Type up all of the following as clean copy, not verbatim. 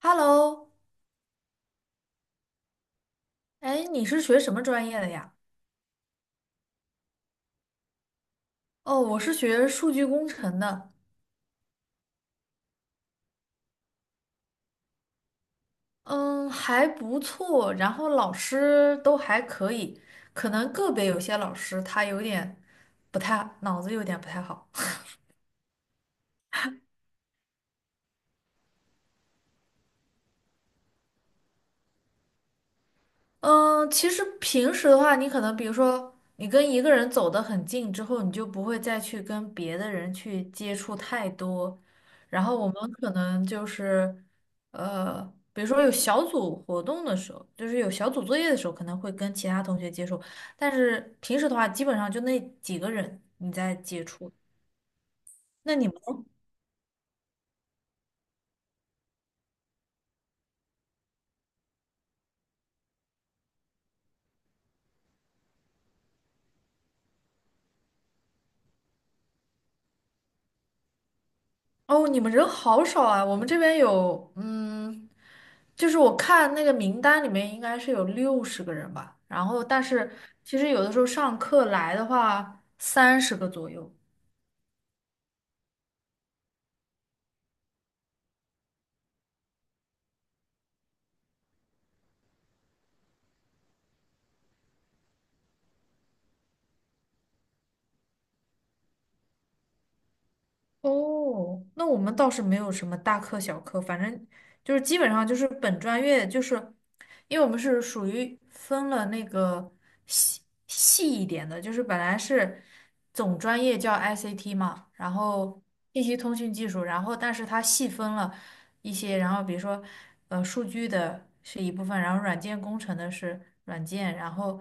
Hello，哎，你是学什么专业的呀？哦，我是学数据工程的，嗯，还不错，然后老师都还可以，可能个别有些老师他有点不太，脑子有点不太好。嗯，其实平时的话，你可能比如说，你跟一个人走得很近之后，你就不会再去跟别的人去接触太多。然后我们可能就是，呃，比如说有小组活动的时候，就是有小组作业的时候，可能会跟其他同学接触。但是平时的话，基本上就那几个人你在接触。那你们呢？哦，你们人好少啊！我们这边有，嗯，就是我看那个名单里面应该是有六十个人吧，然后但是其实有的时候上课来的话，三十个左右。哦，那我们倒是没有什么大课小课，反正就是基本上就是本专业，就是因为我们是属于分了那个细细一点的，就是本来是总专业叫 ICT 嘛，然后信息通讯技术，然后但是它细分了，一些，然后比如说，数据的是一部分，然后软件工程的是软件，然后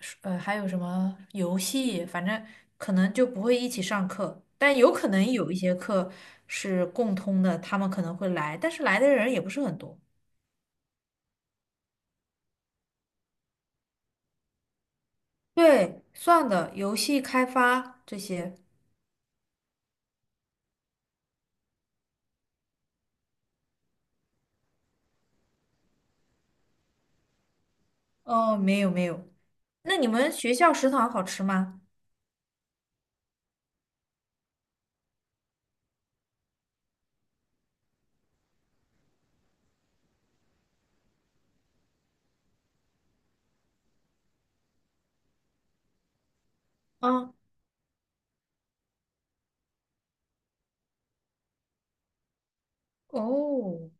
是，还有什么游戏，反正可能就不会一起上课，但有可能有一些课是共通的，他们可能会来，但是来的人也不是很多。对，算的，游戏开发这些。哦，没有没有。那你们学校食堂好吃吗？啊，哦，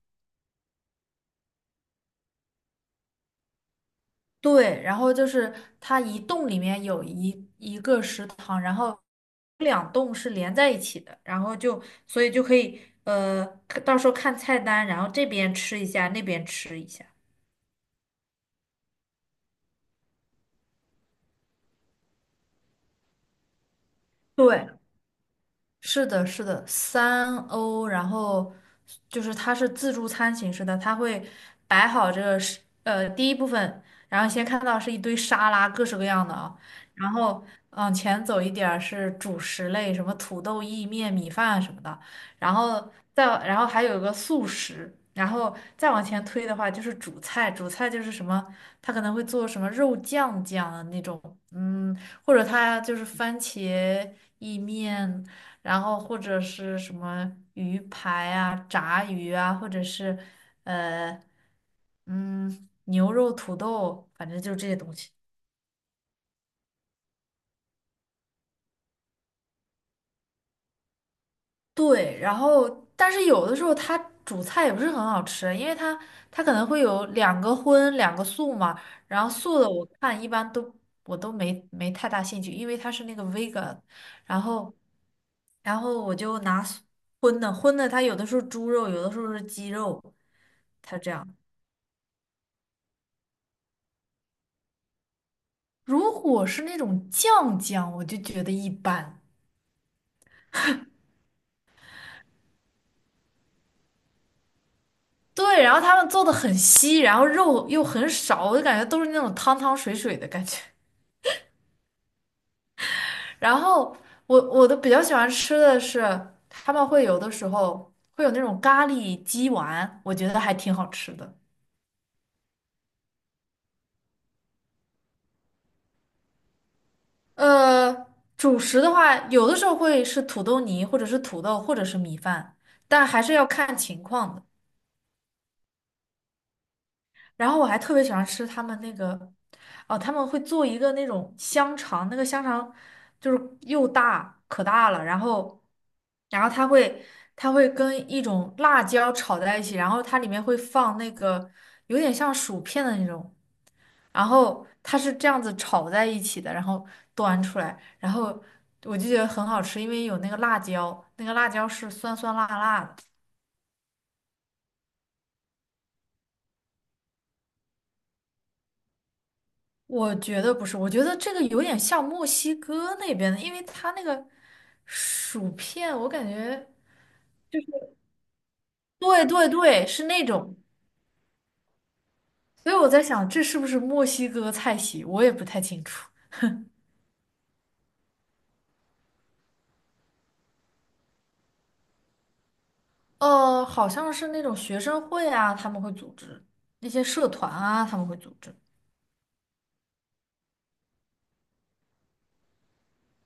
对，然后就是它一栋里面有一个食堂，然后两栋是连在一起的，然后就所以就可以，看到时候看菜单，然后这边吃一下，那边吃一下。对，是的，是的，三欧，然后就是它是自助餐形式的，它会摆好这个是第一部分，然后先看到是一堆沙拉，各式各样的啊，然后往前走一点儿是主食类，什么土豆意面、米饭什么的，然后再然后还有一个素食，然后再往前推的话就是主菜，主菜就是什么，它可能会做什么肉酱酱啊那种，嗯，或者它就是番茄意面。然后或者是什么鱼排啊、炸鱼啊，或者是呃嗯牛肉土豆，反正就是这些东西。对，然后但是有的时候它煮菜也不是很好吃，因为它可能会有两个荤两个素嘛，然后素的我看一般都我都没太大兴趣，因为它是那个 vegan，然后然后我就拿素荤的，它有的时候猪肉，有的时候是鸡肉，它这样。如果是那种酱酱，我就觉得一般。对，然后他们做的很稀，然后肉又很少，我就感觉都是那种汤汤水水的感觉。然后我的比较喜欢吃的是，他们会有的时候会有那种咖喱鸡丸，我觉得还挺好吃的。呃，主食的话，有的时候会是土豆泥，或者是土豆，或者是米饭，但还是要看情况的。然后我还特别喜欢吃他们那个，哦，他们会做一个那种香肠，那个香肠就是又大可大了，然后，然后它会它会跟一种辣椒炒在一起，然后它里面会放那个有点像薯片的那种，然后它是这样子炒在一起的，然后端出来，然后我就觉得很好吃，因为有那个辣椒，那个辣椒是酸酸辣辣的。我觉得不是，我觉得这个有点像墨西哥那边的，因为它那个薯片，我感觉，对对对，是那种，所以我在想，这是不是墨西哥菜系，我也不太清楚。呃，好像是那种学生会啊，他们会组织一些社团啊，他们会组织。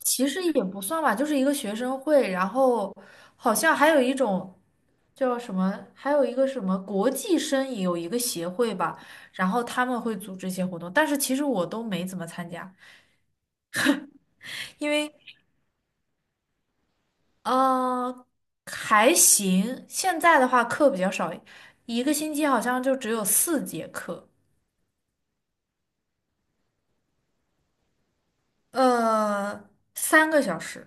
其实也不算吧，就是一个学生会，然后好像还有一种叫什么，还有一个什么国际生也有一个协会吧，然后他们会组织一些活动，但是其实我都没怎么参加，因为呃还行，现在的话课比较少，一个星期好像就只有四节课，呃三个小时，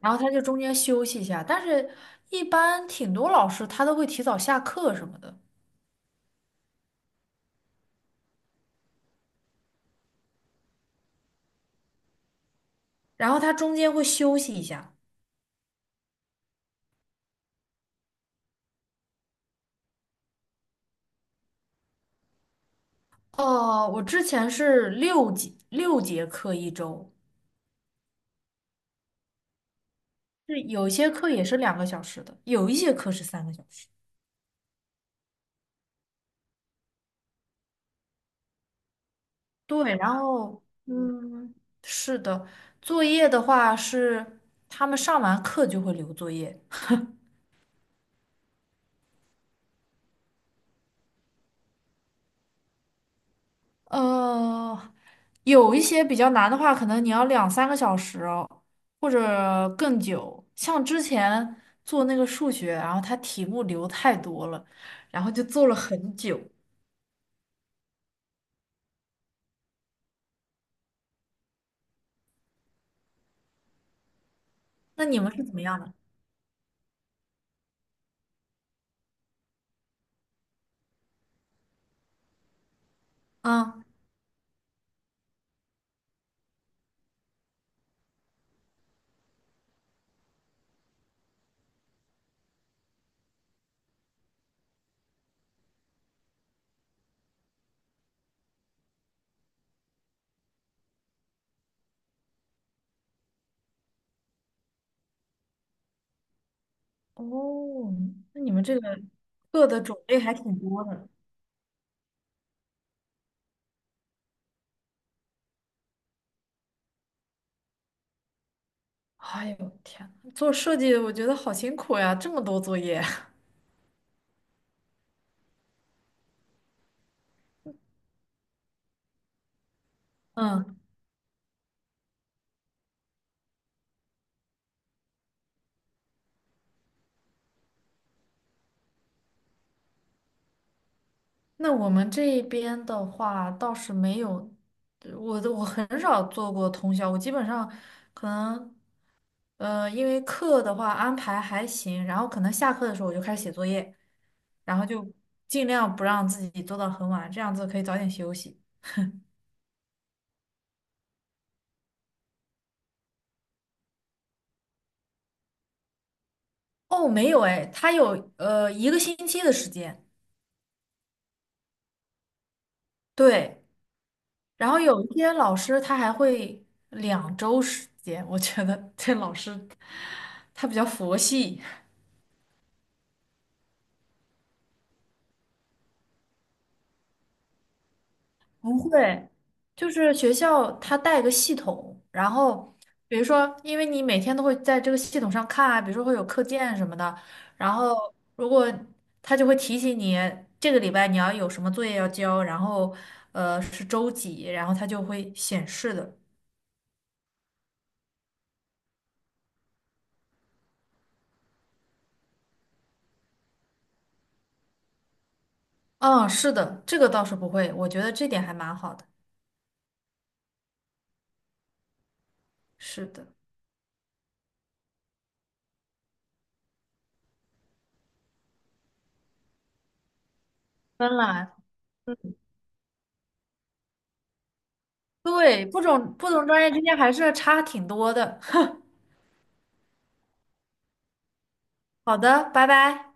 然后他就中间休息一下，但是一般挺多老师他都会提早下课什么的。然后它中间会休息一下。哦，我之前是六节课一周，是有些课也是两个小时的，有一些课是三个小时。对，然后嗯，是的，作业的话是他们上完课就会留作业。呃，有一些比较难的话，可能你要两三个小时哦，或者更久。像之前做那个数学，然后它题目留太多了，然后就做了很久。那你们是怎么样的？啊，哦，那你们这个课的种类还挺多的。哎呦天呐，做设计我觉得好辛苦呀，这么多作业。嗯，那我们这边的话倒是没有，我很少做过通宵，我基本上可能因为课的话安排还行，然后可能下课的时候我就开始写作业，然后就尽量不让自己做到很晚，这样子可以早点休息。哦，没有哎，他有一个星期的时间，对，然后有一些老师他还会两周时间，我觉得这老师他比较佛系，不会，就是学校他带个系统，然后比如说，因为你每天都会在这个系统上看啊，比如说会有课件什么的，然后如果他就会提醒你这个礼拜你要有什么作业要交，然后呃是周几，然后他就会显示的。嗯，是的，这个倒是不会，我觉得这点还蛮好的。是的，芬兰，对，不同专业之间还是差挺多的。好的，拜拜。